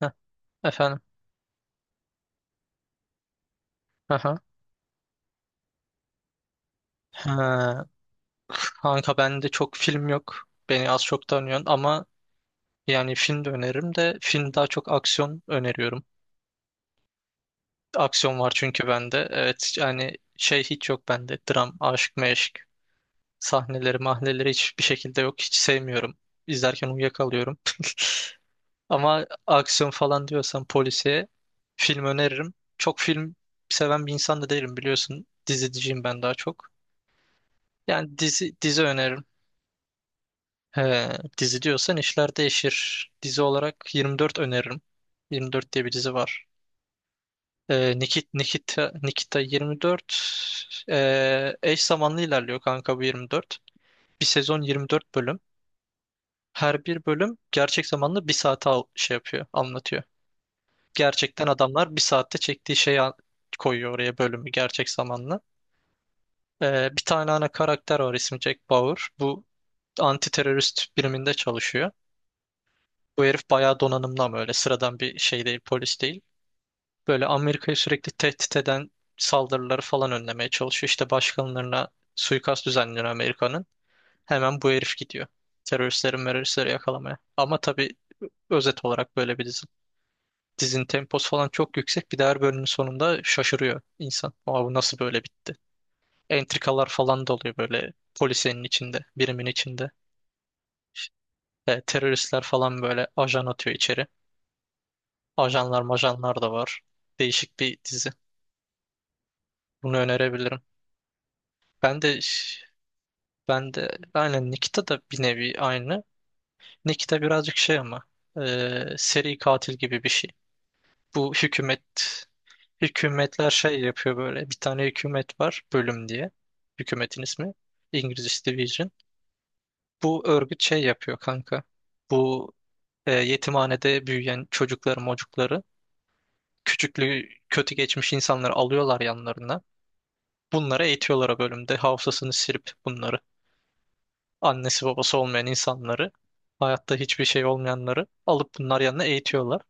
Heh, efendim. Aha. Ha, kanka bende çok film yok. Beni az çok tanıyorsun ama yani film de öneririm de film daha çok aksiyon öneriyorum. Aksiyon var çünkü bende. Evet yani şey hiç yok bende. Dram, aşk, meşk sahneleri, mahneleri hiçbir şekilde yok. Hiç sevmiyorum. İzlerken uyuyakalıyorum. Ama aksiyon falan diyorsan polisiye film öneririm. Çok film seven bir insan da değilim biliyorsun. Diziciyim ben daha çok. Yani dizi öneririm. He, dizi diyorsan işler değişir. Dizi olarak 24 öneririm. 24 diye bir dizi var. Nikita 24. Eş zamanlı ilerliyor kanka bu 24. Bir sezon 24 bölüm. Her bir bölüm gerçek zamanlı bir saate şey yapıyor, anlatıyor. Gerçekten adamlar bir saatte çektiği şeyi koyuyor oraya bölümü gerçek zamanlı. Bir tane ana karakter var, ismi Jack Bauer. Bu anti terörist biriminde çalışıyor. Bu herif bayağı donanımlı ama öyle sıradan bir şey değil, polis değil. Böyle Amerika'yı sürekli tehdit eden saldırıları falan önlemeye çalışıyor. İşte başkanlarına suikast düzenliyor Amerika'nın. Hemen bu herif gidiyor. Teröristlerin meröristleri yakalamaya. Ama tabii özet olarak böyle bir dizi. Dizinin temposu falan çok yüksek. Bir de her bölümün sonunda şaşırıyor insan. Aa, bu nasıl böyle bitti? Entrikalar falan da oluyor böyle polisenin içinde, birimin içinde. Teröristler falan böyle ajan atıyor içeri. Ajanlar majanlar da var. Değişik bir dizi. Bunu önerebilirim. Ben de ben de aynen Nikita da bir nevi aynı. Nikita birazcık şey ama e, seri katil gibi bir şey. Bu hükümetler şey yapıyor böyle. Bir tane hükümet var bölüm diye. Hükümetin ismi. İngilizcesi Division. Bu örgüt şey yapıyor kanka. Bu yetimhanede büyüyen çocukları mocukları, küçüklüğü kötü geçmiş insanları alıyorlar yanlarına. Bunları eğitiyorlar o bölümde. Hafızasını silip bunları. Annesi babası olmayan insanları. Hayatta hiçbir şey olmayanları alıp bunlar yanına eğitiyorlar.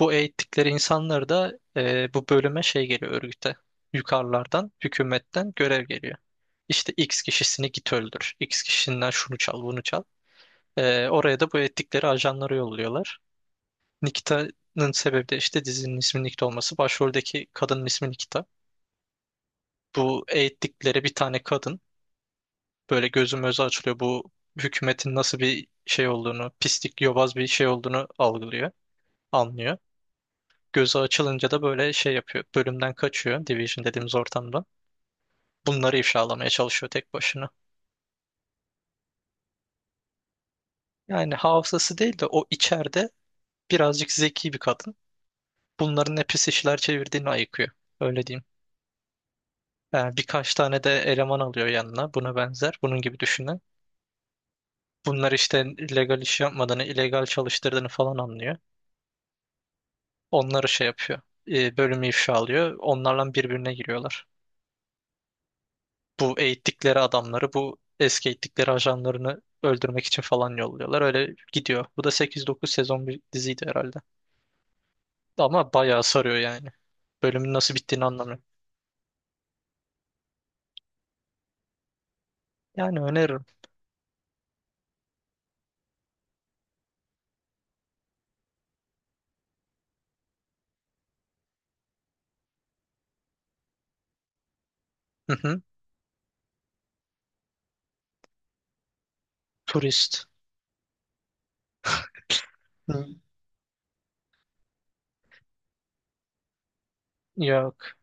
Bu eğittikleri insanları da bu bölüme şey geliyor örgüte. Yukarılardan, hükümetten görev geliyor. İşte X kişisini git öldür, X kişisinden şunu çal, bunu çal. Oraya da bu eğittikleri ajanları yolluyorlar. Nikita'nın sebebi de işte dizinin isminin Nikita olması. Başroldeki kadının ismi Nikita. Bu eğittikleri bir tane kadın. Böyle gözüm özü açılıyor. Bu hükümetin nasıl bir şey olduğunu, pislik, yobaz bir şey olduğunu algılıyor, anlıyor. Gözü açılınca da böyle şey yapıyor. Bölümden kaçıyor, Division dediğimiz ortamdan. Bunları ifşalamaya çalışıyor tek başına. Yani hafızası değil de o içeride birazcık zeki bir kadın. Bunların ne pis işler çevirdiğini ayıkıyor. Öyle diyeyim. Yani birkaç tane de eleman alıyor yanına, buna benzer. Bunun gibi düşünün. Bunlar işte legal iş yapmadığını, illegal çalıştırdığını falan anlıyor. Onları şey yapıyor. Bölümü ifşa alıyor. Onlarla birbirine giriyorlar. Bu eski eğittikleri ajanlarını öldürmek için falan yolluyorlar. Öyle gidiyor. Bu da 8-9 sezon bir diziydi herhalde. Ama bayağı sarıyor yani. Bölümün nasıl bittiğini anlamıyorum. Yani öneririm. Hı hı. Turist. Hı. Yok.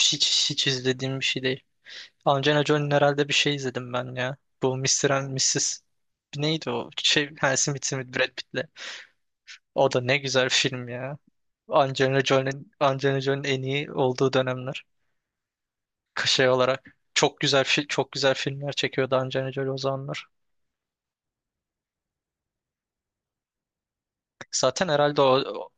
Hiç izlediğim bir şey değil. Angelina Jolie'nin herhalde bir şey izledim ben ya. Bu Mr. and Mrs. Neydi o? Smith Brad Pitt'le. O da ne güzel film ya. Angelina Jolie'nin en iyi olduğu dönemler. Şey olarak çok güzel filmler çekiyordu Angelina Jolie o zamanlar. Zaten herhalde o,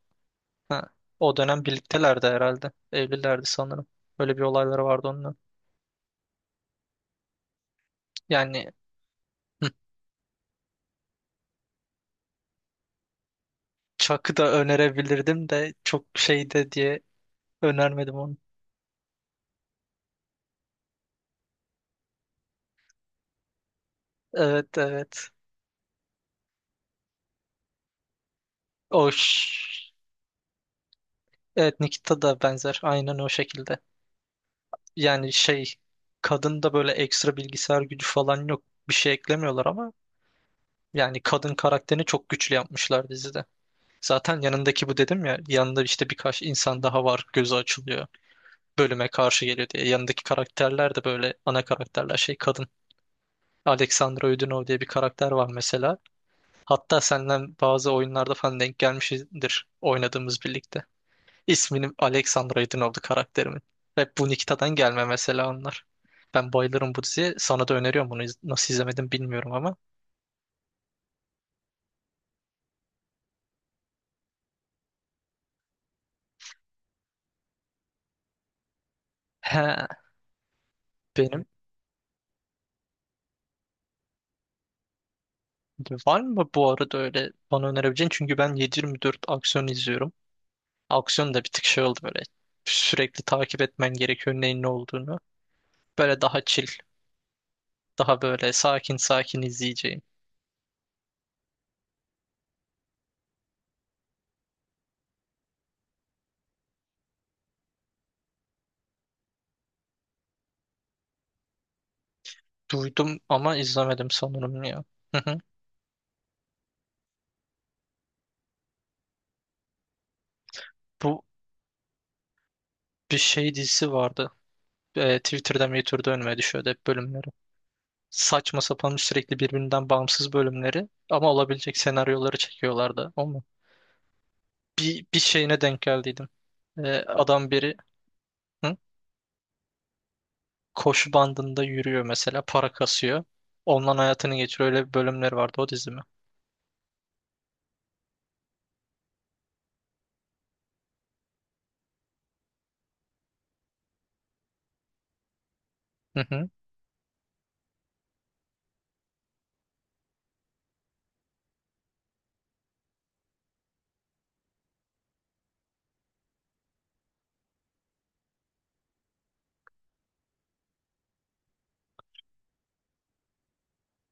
ha, o dönem birliktelerdi herhalde. Evlilerdi sanırım. Böyle bir olayları vardı onunla. Yani hı, Chuck'ı da önerebilirdim de çok şeyde diye önermedim onu. Evet evet. O ş- Evet, Nikita da benzer. Aynen o şekilde. Yani şey, kadında böyle ekstra bilgisayar gücü falan yok. Bir şey eklemiyorlar ama yani kadın karakterini çok güçlü yapmışlar dizide. Zaten yanındaki, bu dedim ya, yanında işte birkaç insan daha var, gözü açılıyor. Bölüme karşı geliyor diye. Yanındaki karakterler de böyle ana karakterler şey kadın. Alexandra Udinov diye bir karakter var mesela. Hatta senden bazı oyunlarda falan denk gelmişizdir oynadığımız birlikte. İsminin Alexandra Aydınoldu karakterimin. Hep bu Nikita'dan gelme mesela onlar. Ben bayılırım bu diziye. Sana da öneriyorum bunu. Nasıl izlemedim bilmiyorum ama. He, benim. Var mı bu arada öyle bana önerebileceğin? Çünkü ben 7 dört aksiyon izliyorum. Aksiyon da bir tık şey oldu böyle. Sürekli takip etmen gerekiyor neyin ne olduğunu. Böyle daha chill. Daha böyle sakin sakin izleyeceğim. Duydum ama izlemedim sanırım ya. Hı hı. Bu bir şey dizisi vardı. Twitter'da önüme düşüyordu hep bölümleri. Saçma sapan, sürekli birbirinden bağımsız bölümleri ama olabilecek senaryoları çekiyorlardı. O mu? Bir şeyine denk geldiydim. Adam biri hı, koşu bandında yürüyor mesela, para kasıyor. Ondan hayatını geçiriyor. Öyle bir bölümleri vardı o dizi mi? Hı hı.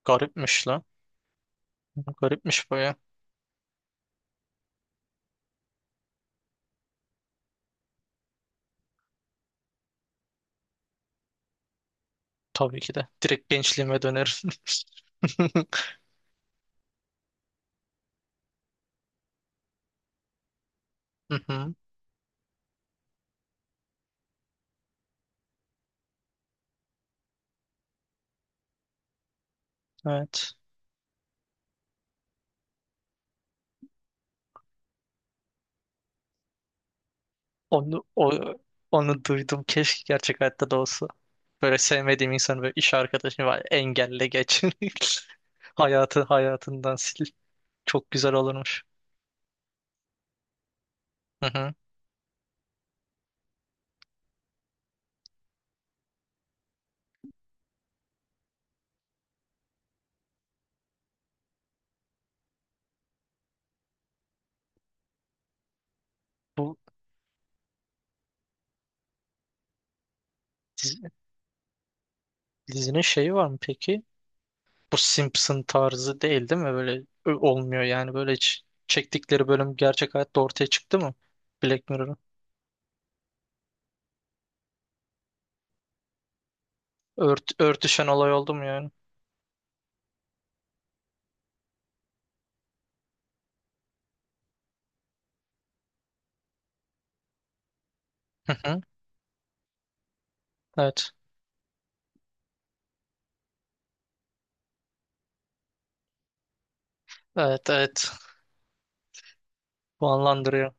Garipmiş lan. Garipmiş baya. Tabii ki de. Direkt gençliğime dönerim. Hı hı. Evet. Onu, o, onu duydum. Keşke gerçek hayatta da olsa. Böyle sevmediğim insanı, böyle iş arkadaşım var. Engelle geç. Hayatı hayatından sil. Çok güzel olurmuş. Hı hı. Bu dizi- Dizinin şeyi var mı peki? Bu Simpson tarzı değil, değil mi? Böyle olmuyor yani. Böyle hiç çektikleri bölüm gerçek hayatta ortaya çıktı mı? Black Mirror'ın. Örtüşen olay oldu mu yani? Hı hı. Evet. Evet evet. Bu anlandırıyor.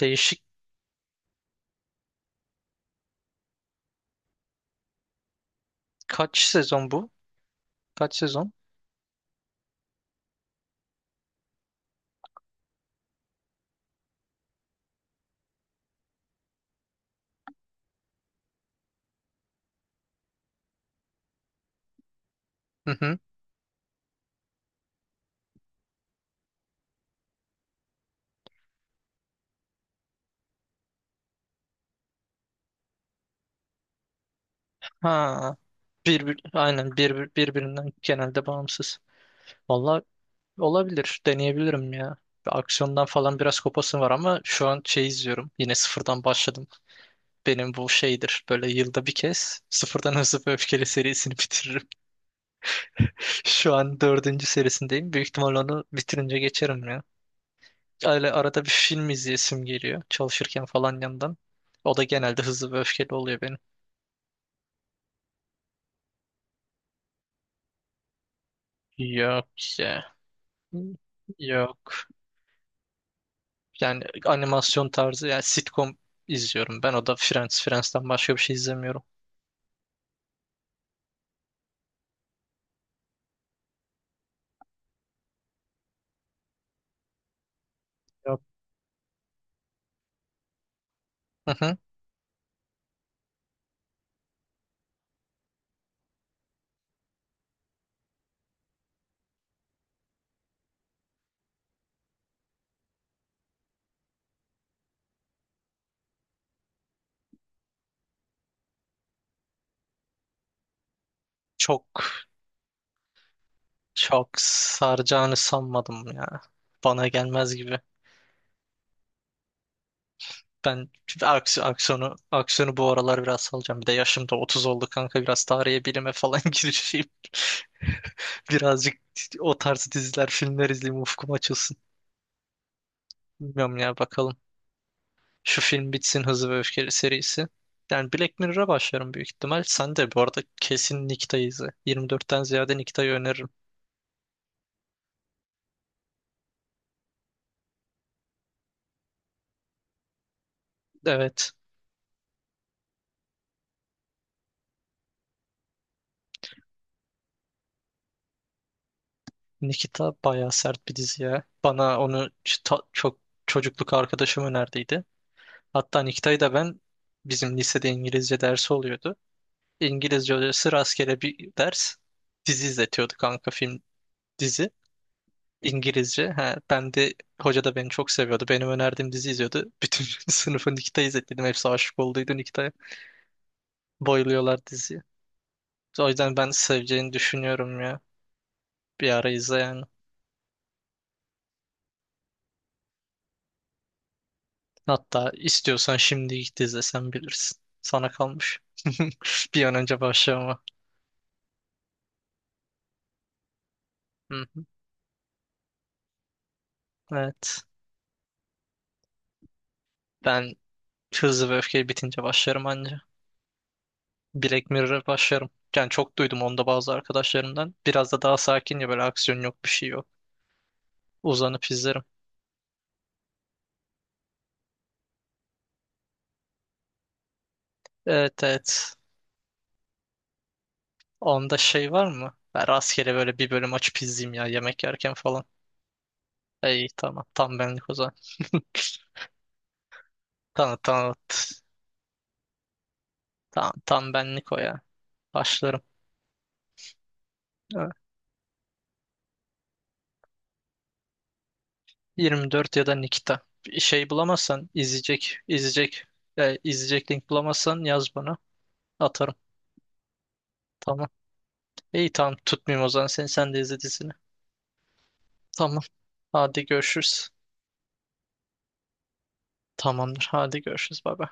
Değişik, kaç sezon bu? Kaç sezon? Hı hı. Ha. Bir, aynen birbirinden genelde bağımsız. Valla olabilir. Deneyebilirim ya. Aksiyondan falan biraz kopasım var ama şu an şey izliyorum. Yine sıfırdan başladım. Benim bu şeydir. Böyle yılda bir kez sıfırdan Hızlı ve Öfkeli serisini bitiririm. Şu an dördüncü serisindeyim. Büyük ihtimal onu bitirince geçerim ya. Öyle arada bir film izleyesim geliyor. Çalışırken falan yandan. O da genelde Hızlı ve Öfkeli oluyor benim. Yok ya. Yok. Yani animasyon tarzı, yani sitcom izliyorum ben. O da Friends. Friends'ten başka bir şey izlemiyorum. Ya. Hı hı. Çok çok saracağını sanmadım ya. Bana gelmez gibi. Ben aksiyonu bu aralar biraz salacağım. Bir de yaşım da 30 oldu kanka. Biraz tarihe, bilime falan girişeyim. Birazcık o tarz diziler, filmler izleyeyim, ufkum açılsın. Bilmiyorum ya, bakalım. Şu film bitsin, Hızlı ve Öfkeli serisi. Yani Black Mirror'a başlarım büyük ihtimal. Sen de bu arada kesin Nikita'yı izle. 24'ten ziyade Nikita'yı öneririm. Evet. Nikita bayağı sert bir dizi ya. Bana onu çok, çocukluk arkadaşım önerdiydi. Hatta Nikita'yı da ben, bizim lisede İngilizce dersi oluyordu. İngilizce hocası rastgele bir ders dizi izletiyordu kanka, film, dizi. İngilizce. Ha, ben de hoca da beni çok seviyordu. Benim önerdiğim dizi izliyordu. Bütün sınıfı Nikita izlettim. Hepsi aşık olduydu Nikita'ya. Bayılıyorlar diziyi. O yüzden ben seveceğini düşünüyorum ya. Bir ara izle yani. Hatta istiyorsan şimdi git izle, sen bilirsin. Sana kalmış. Bir an önce başlama. Hı hı. Evet. Ben Hızlı ve Öfkeli bitince başlarım anca. Black Mirror'a başlarım. Yani çok duydum onda bazı arkadaşlarımdan. Biraz da daha sakin ya, böyle aksiyon yok, bir şey yok. Uzanıp izlerim. Evet evet. Onda şey var mı? Ben rastgele böyle bir bölüm açıp izleyeyim ya, yemek yerken falan. İyi tamam, tam benlik o zaman. Tamam tamam. Tam benlik o ya. Başlarım. Evet. 24 ya da Nikita. Bir şey bulamazsan izleyecek link bulamazsan yaz bana. Atarım. Tamam. İyi tamam, tutmayayım o zaman seni, sen de izle dizini. Tamam. Hadi görüşürüz. Tamamdır. Hadi görüşürüz. Bay bay.